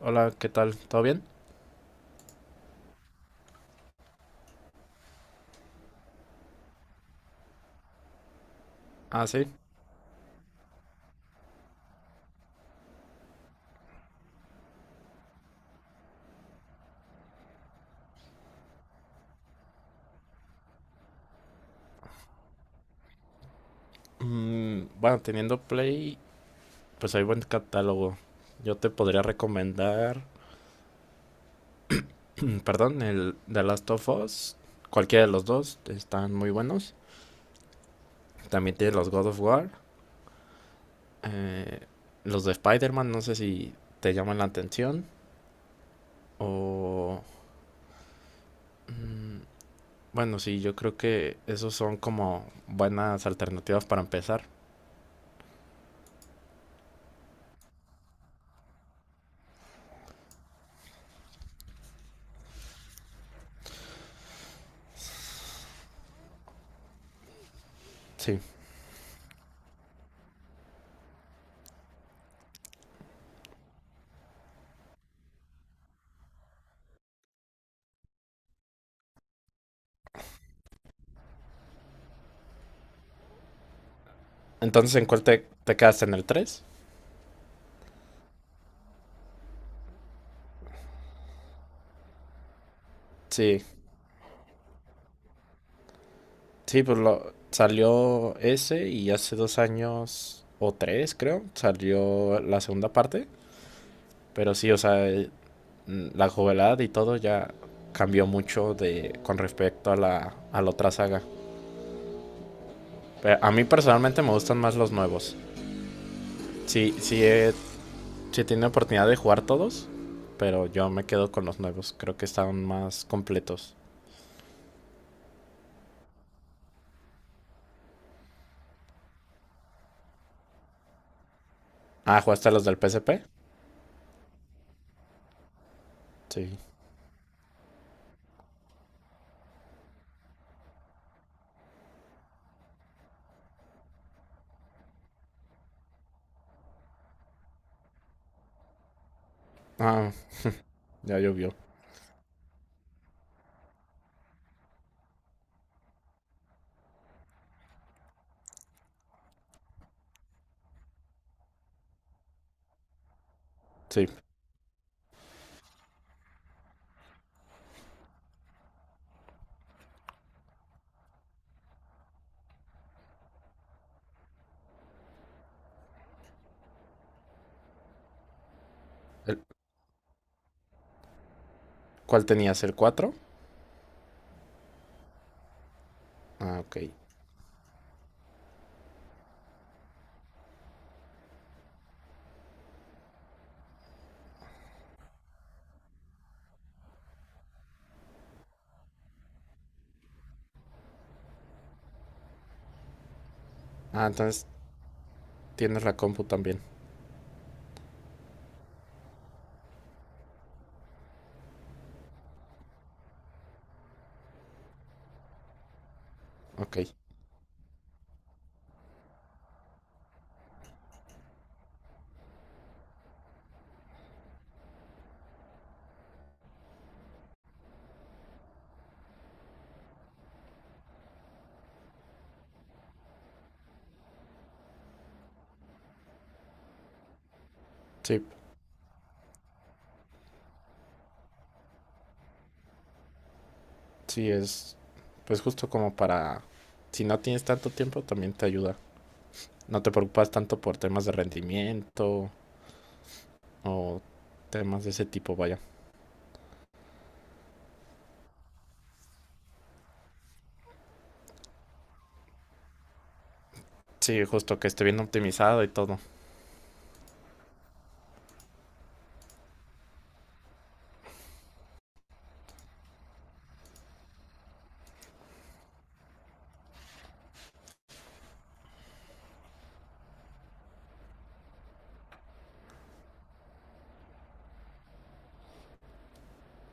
Hola, ¿qué tal? ¿Todo bien? Ah, sí. Bueno, teniendo Play, pues hay buen catálogo. Yo te podría recomendar, perdón, el The Last of Us. Cualquiera de los dos están muy buenos. También tiene los God of War. eh, los de Spider-Man, no sé si te llaman la atención. O, bueno, sí, yo creo que esos son como buenas alternativas para empezar. Sí. Entonces, ¿en cuál te quedas? ¿En el 3? Sí. Sí, pues salió ese y hace dos años o tres, creo, salió la segunda parte. Pero sí, o sea, la novedad y todo ya cambió mucho de con respecto a a la otra saga. Pero a mí personalmente me gustan más los nuevos. Sí, sí, he, sí he tenido oportunidad de jugar todos, pero yo me quedo con los nuevos. Creo que están más completos. Ah, ¿jugaste los del PSP? Sí. Ah, ya llovió. Sí. El- ¿Cuál tenías? ¿El cuatro? Ah, ok. Ah, entonces tienes la compu también. Ok. Sí, sí, es, pues justo como para... Si no tienes tanto tiempo, también te ayuda. No te preocupas tanto por temas de rendimiento o temas de ese tipo, vaya. Sí, justo que esté bien optimizado y todo.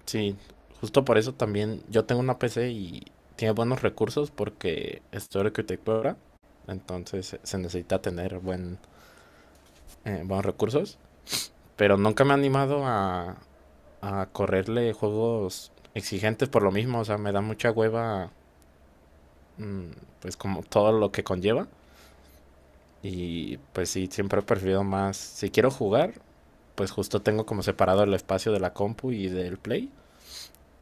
Sí, justo por eso también yo tengo una PC y tiene buenos recursos porque estoy arquitectura, entonces se necesita tener buenos recursos, pero nunca me he animado a correrle juegos exigentes por lo mismo, o sea, me da mucha hueva, mm, pues como todo lo que conlleva. Y pues sí, siempre he preferido más, si quiero jugar, pues justo tengo como separado el espacio de la compu y del play.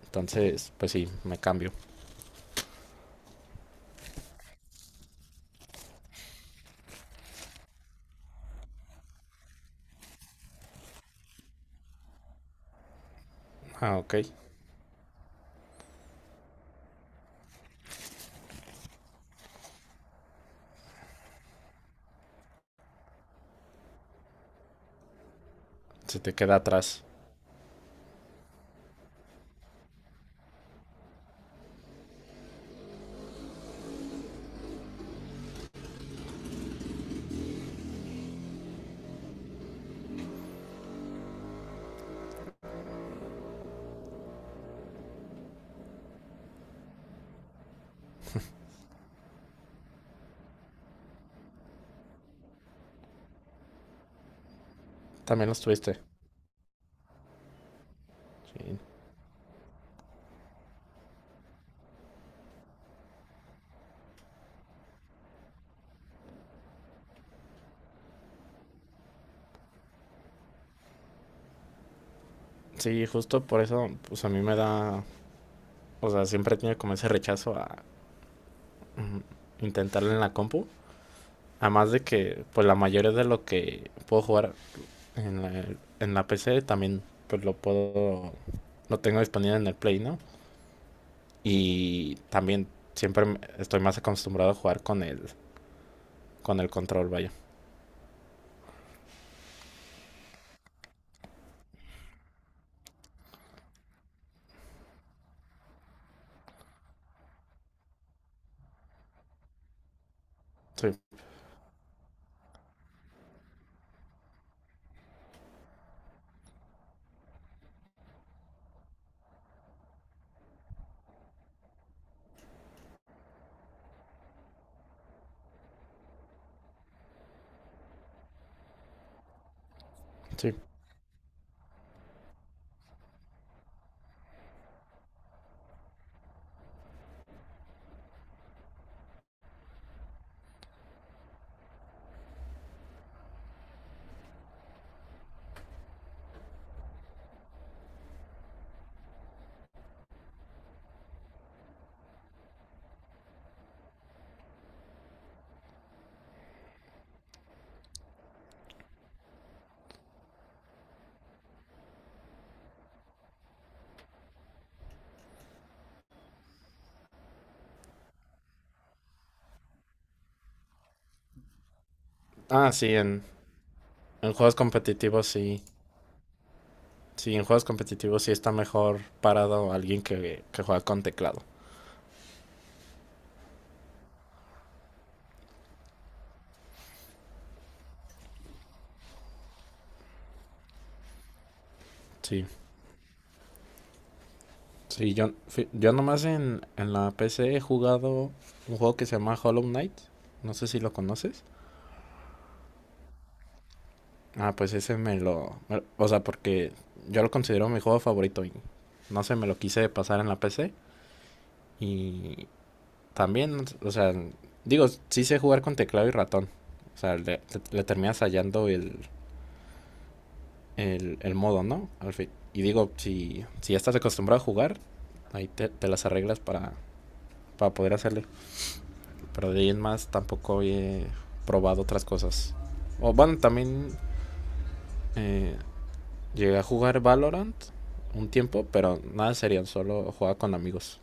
Entonces, pues sí, me cambio. Ah, ok. Se te queda atrás. También los tuviste. Sí. Sí, justo por eso, pues a mí me da, o sea, siempre he tenido como ese rechazo a, mm, intentarlo en la compu. Además de que, pues la mayoría de lo que puedo jugar en en la PC, también pues lo puedo, lo tengo disponible en el Play, ¿no? Y también siempre estoy más acostumbrado a jugar con con el control, vaya. Sí, sí. Ah, sí, en juegos competitivos sí. Sí, en juegos competitivos sí está mejor parado alguien que juega con teclado. Sí. Sí, yo nomás en la PC he jugado un juego que se llama Hollow Knight. No sé si lo conoces. Ah, pues ese o sea, porque yo lo considero mi juego favorito y no sé, me lo quise pasar en la PC. Y también, o sea, digo, sí sé jugar con teclado y ratón. O sea, le terminas hallando el modo, ¿no? Al fin. Y digo, si ya estás acostumbrado a jugar, ahí te las arreglas para poder hacerle. Pero de ahí en más tampoco he probado otras cosas. O bueno, también eh, llegué a jugar Valorant un tiempo, pero nada serían, solo jugaba con amigos.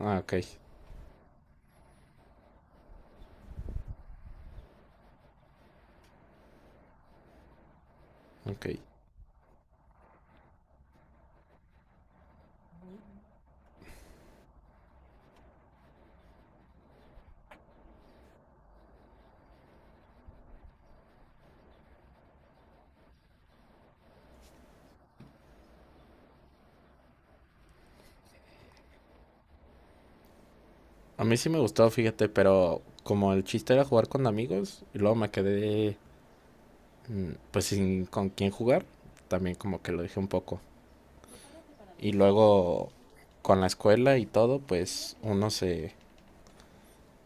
Ah, ok. A mí sí me gustó, fíjate, pero como el chiste era jugar con amigos y luego me quedé, pues sin con quién jugar, también como que lo dejé un poco. Y luego con la escuela y todo, pues uno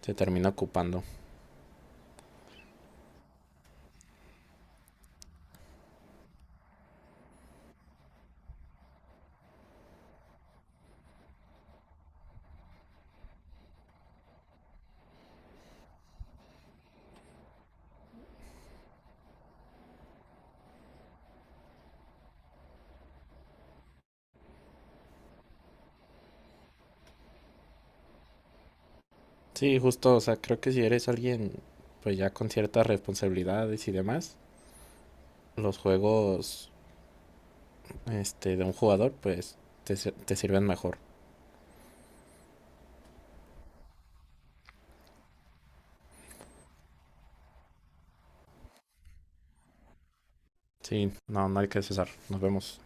se termina ocupando. Sí, justo, o sea, creo que si eres alguien pues ya con ciertas responsabilidades y demás, los juegos, este, de un jugador, pues te sirven mejor. Sí, no, no hay que cesar. Nos vemos.